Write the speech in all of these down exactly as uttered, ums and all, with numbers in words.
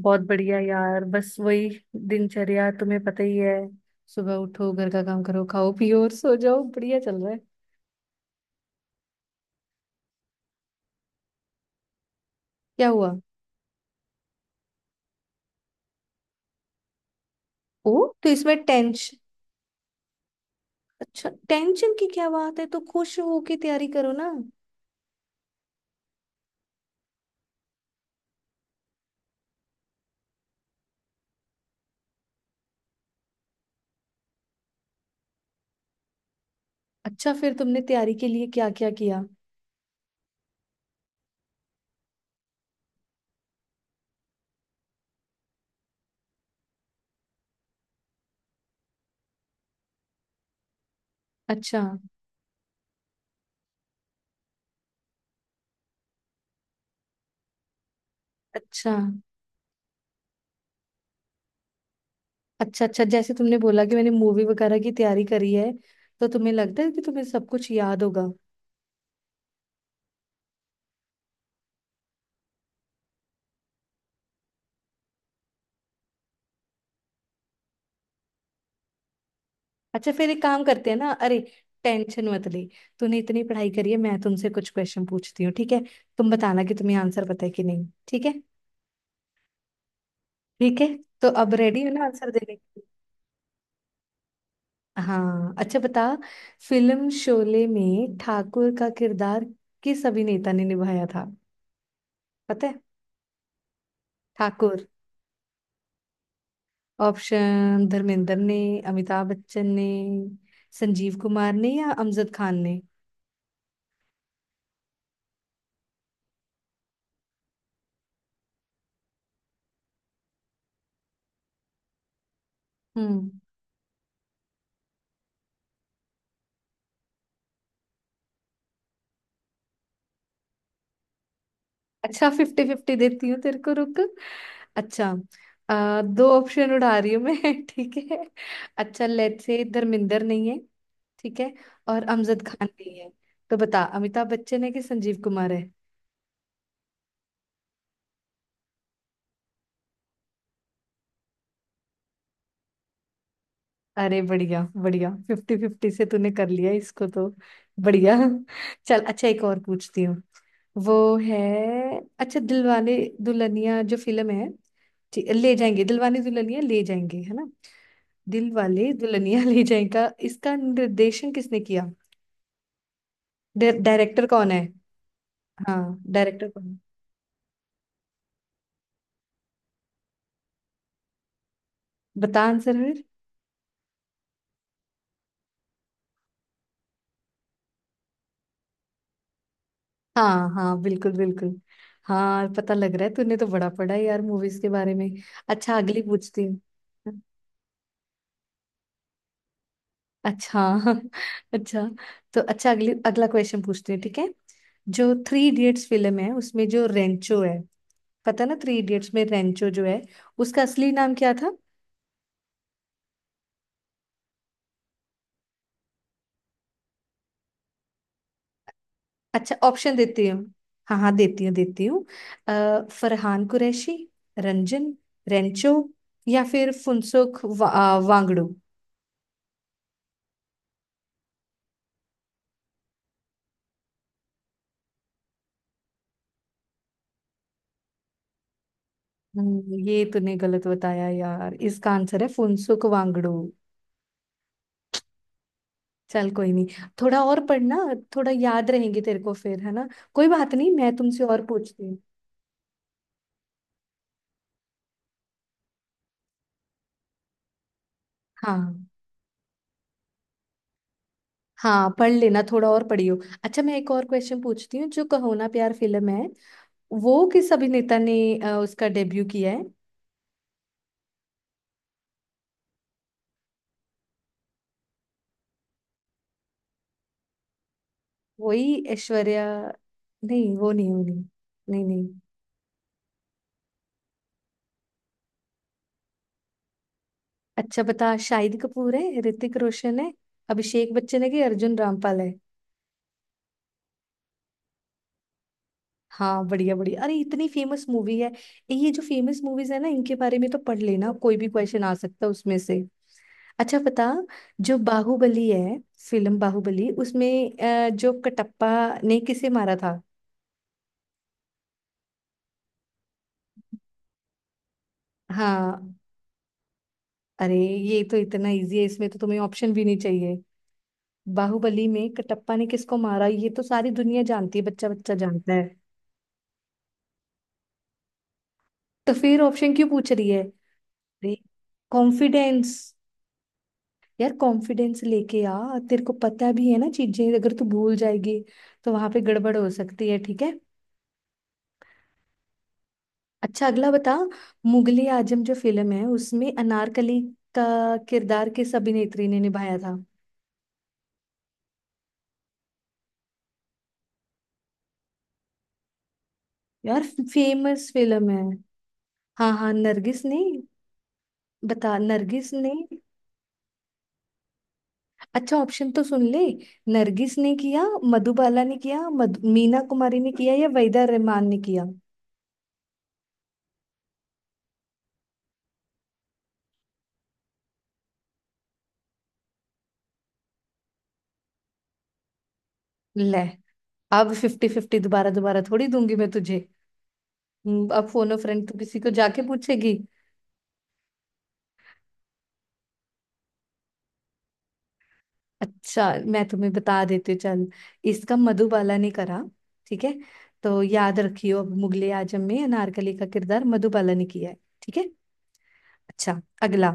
बहुत बढ़िया यार, बस वही दिनचर्या तुम्हें पता ही है। सुबह उठो, घर का काम करो, खाओ पियो और सो जाओ, बढ़िया चल रहा है। क्या हुआ? ओ। तो इसमें टेंशन? अच्छा, टेंशन की क्या बात है, तो खुश होके तैयारी करो ना। अच्छा, फिर तुमने तैयारी के लिए क्या क्या किया? अच्छा। अच्छा। अच्छा। अच्छा, जैसे तुमने बोला कि मैंने मूवी वगैरह की तैयारी करी है, तो तुम्हें लगता है कि तुम्हें सब कुछ याद होगा? अच्छा, फिर एक काम करते हैं ना। अरे, टेंशन मत ले। तूने इतनी पढ़ाई करी है, मैं तुमसे कुछ क्वेश्चन पूछती हूँ, ठीक है? तुम बताना कि तुम्हें आंसर पता है कि नहीं, ठीक है? ठीक है। तो अब रेडी हो ना आंसर देने के लिए? हाँ, अच्छा बता। फिल्म शोले में ठाकुर का किरदार किस अभिनेता ने निभाया था? पता है? ठाकुर। ऑप्शन, धर्मेंद्र ने, अमिताभ बच्चन ने, संजीव कुमार ने या अमजद खान ने? हम्म। अच्छा, फिफ्टी फिफ्टी देती हूँ तेरे को, रुक। अच्छा, अ, दो ऑप्शन उड़ा रही हूँ मैं ठीक है? अच्छा, लेट्स से धर्मेंद्र नहीं है, ठीक है? और अमजद खान नहीं है। तो बता, अमिताभ बच्चन है कि संजीव कुमार है? अरे बढ़िया बढ़िया, फिफ्टी फिफ्टी से तूने कर लिया इसको तो। बढ़िया। चल, अच्छा एक और पूछती हूँ। वो है। अच्छा, दिलवाले दुल्हनिया जो फिल्म है, ठीक, ले जाएंगे, दिलवाले दुल्हनिया ले जाएंगे, है ना? दिलवाले दुल्हनिया ले जाएगा, इसका निर्देशन किसने किया? डाय- डायरेक्टर कौन है? हाँ, डायरेक्टर कौन है? बता आंसर फिर। हाँ हाँ, बिल्कुल बिल्कुल। हाँ, पता लग रहा है, तूने तो बड़ा पढ़ा है यार मूवीज के बारे में। अच्छा, अगली पूछती हूँ। अच्छा अच्छा। तो अच्छा, अगली अगला क्वेश्चन पूछते हैं, ठीक है? जो थ्री इडियट्स फिल्म है उसमें जो रेंचो है, पता ना? थ्री इडियट्स में रेंचो जो है, उसका असली नाम क्या था? अच्छा, ऑप्शन देती हूँ। हाँ हाँ, देती हूँ देती हूँ। अ, फरहान कुरैशी, रंजन, रेंचो, या फिर फुनसुक वा, अ, वांगडू? हम्म, ये तूने गलत बताया यार, इसका आंसर है फुनसुक वांगडू। चल कोई नहीं। थोड़ा और पढ़ना, थोड़ा याद रहेंगे तेरे को फिर, है ना? कोई बात नहीं, मैं तुमसे और पूछती हूँ। हाँ हाँ, पढ़ लेना, थोड़ा और पढ़ियो। अच्छा, मैं एक और क्वेश्चन पूछती हूँ। जो कहो ना प्यार फिल्म है, वो किस अभिनेता ने अ, उसका डेब्यू किया है? वही ऐश्वर्या, नहीं वो नहीं, वो नहीं। नहीं नहीं। अच्छा बता, शाहिद कपूर है, ऋतिक रोशन है, अभिषेक बच्चन है कि अर्जुन रामपाल है? हाँ बढ़िया बढ़िया, अरे इतनी फेमस मूवी है। ये जो फेमस मूवीज है ना, इनके बारे में तो पढ़ लेना, कोई भी क्वेश्चन आ सकता है उसमें से। अच्छा बता, जो बाहुबली है, फिल्म बाहुबली, उसमें अ, जो कटप्पा ने किसे मारा था? हाँ। अरे ये तो इतना इजी है, इसमें तो तुम्हें ऑप्शन भी नहीं चाहिए। बाहुबली में कटप्पा ने किसको मारा, ये तो सारी दुनिया जानती है, बच्चा बच्चा जानता है। तो फिर ऑप्शन क्यों पूछ रही है? अरे, कॉन्फिडेंस, यार कॉन्फिडेंस लेके आ। तेरे को पता भी है ना चीजें, अगर तू भूल जाएगी तो वहां पे गड़बड़ हो सकती है, ठीक है? अच्छा, अगला बता। मुगले आजम जो फिल्म है, उसमें अनारकली का किरदार किस अभिनेत्री ने निभाया था? यार, फेमस फिल्म है। हाँ हाँ, नरगिस ने। बता, नरगिस ने। अच्छा, ऑप्शन तो सुन ले। नरगिस ने किया, मधुबाला ने किया, मधु, मीना कुमारी ने किया या वहीदा रहमान ने किया? ले। अब फिफ्टी फिफ्टी दोबारा दोबारा थोड़ी दूंगी मैं तुझे। हम्म, अब फोन अ फ्रेंड तो किसी को जाके पूछेगी। अच्छा, मैं तुम्हें बता देती हूँ, चल। इसका मधुबाला ने करा, ठीक है? तो याद रखियो, अब मुगले आजम में अनारकली का किरदार मधुबाला ने किया है, ठीक है? अच्छा, अगला।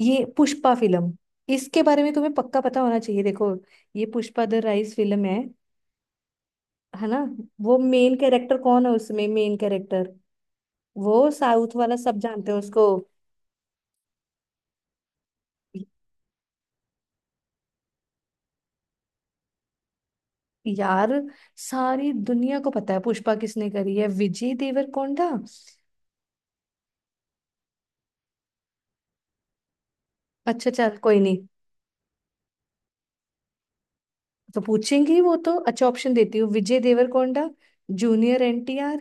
ये पुष्पा फिल्म, इसके बारे में तुम्हें पक्का पता होना चाहिए। देखो, ये पुष्पा द राइज फिल्म है है ना? वो मेन कैरेक्टर कौन है उसमें? मेन कैरेक्टर, वो साउथ वाला, सब जानते हैं उसको। यार, सारी दुनिया को पता है, पुष्पा किसने करी है, विजय देवरकोंडा। अच्छा चल, कोई नहीं। तो पूछेंगी वो तो, अच्छा, ऑप्शन देती हूँ, Vijay Deverakonda, junior N T R,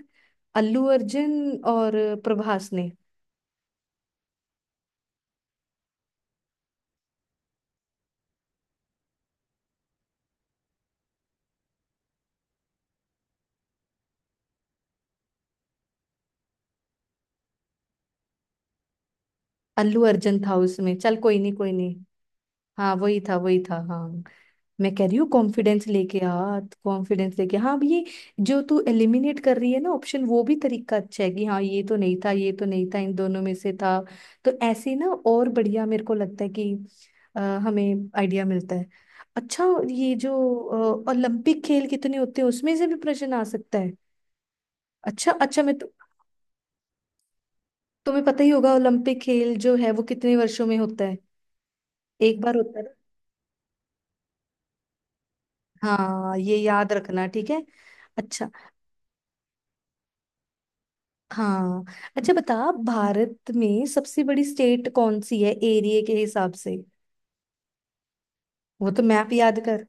अल्लू अर्जुन और प्रभास ने? अल्लू अर्जुन था उसमें, चल कोई नहीं, कोई नहीं। हाँ वही था, वही था, हाँ। मैं कह रही हूँ कॉन्फिडेंस लेके आ, कॉन्फिडेंस लेके, हाँ। अब ये जो तू एलिमिनेट कर रही है ना ऑप्शन, वो भी तरीका अच्छा है कि हाँ ये तो नहीं था, ये तो नहीं था, इन दोनों में से था। तो ऐसे ही ना और बढ़िया, मेरे को लगता है कि अ, हमें आइडिया मिलता है। अच्छा, ये जो ओलंपिक खेल कितने होते हैं, उसमें से भी प्रश्न आ सकता है। अच्छा अच्छा, मैं तु, तुम्हें पता ही होगा, ओलंपिक खेल जो है वो कितने वर्षों में होता है, एक बार होता है ना? हाँ, ये याद रखना, ठीक है? अच्छा। हाँ, अच्छा बता, भारत में सबसे बड़ी स्टेट कौन सी है एरिया के हिसाब से? वो तो मैप याद कर।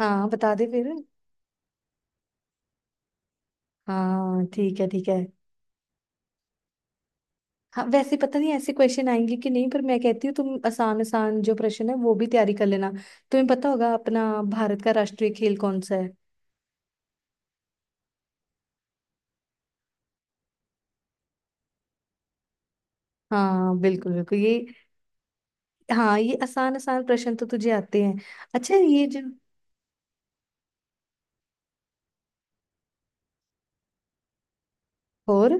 हाँ, बता दे फिर। हाँ ठीक है, ठीक है। हाँ वैसे पता नहीं ऐसे क्वेश्चन आएंगे कि नहीं, पर मैं कहती हूँ तुम आसान आसान जो प्रश्न है वो भी तैयारी कर लेना। तुम्हें पता होगा अपना, भारत का राष्ट्रीय खेल कौन सा है? हाँ बिल्कुल बिल्कुल, ये। हाँ, ये आसान आसान प्रश्न तो तुझे आते हैं। अच्छा, ये जो, और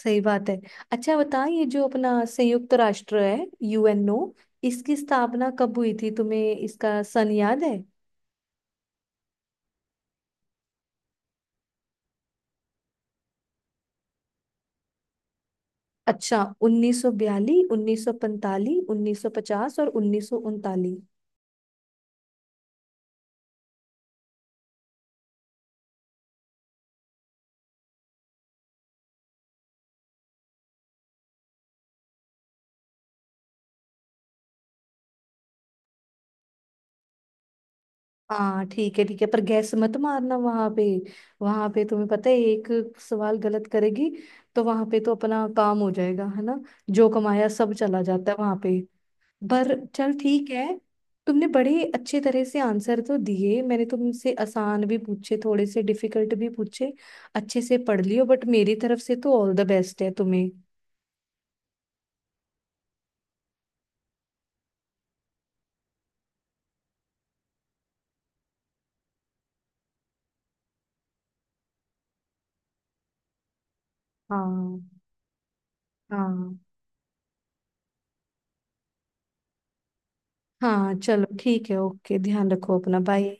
सही बात है। अच्छा बता, ये जो अपना संयुक्त राष्ट्र है, यू एन ओ, इसकी स्थापना कब हुई थी? तुम्हें इसका सन याद है? अच्छा, उन्नीस सौ बयालीस, उन्नीस सौ पैंतालीस, उन्नीस सौ पचास और उन्नीस सौ उनतालीस? हाँ ठीक है, ठीक है, पर गैस मत मारना वहां पे। वहां पे तुम्हें पता है, एक सवाल गलत करेगी तो वहां पे तो अपना काम हो जाएगा, है ना? जो कमाया सब चला जाता है वहां पे। पर चल, ठीक है। तुमने बड़े अच्छे तरह से आंसर तो दिए, मैंने तुमसे आसान भी पूछे, थोड़े से डिफिकल्ट भी पूछे। अच्छे से पढ़ लियो, बट मेरी तरफ से तो ऑल द बेस्ट है तुम्हें। हाँ। हाँ। हाँ चलो ठीक है, ओके, ध्यान रखो अपना, बाय।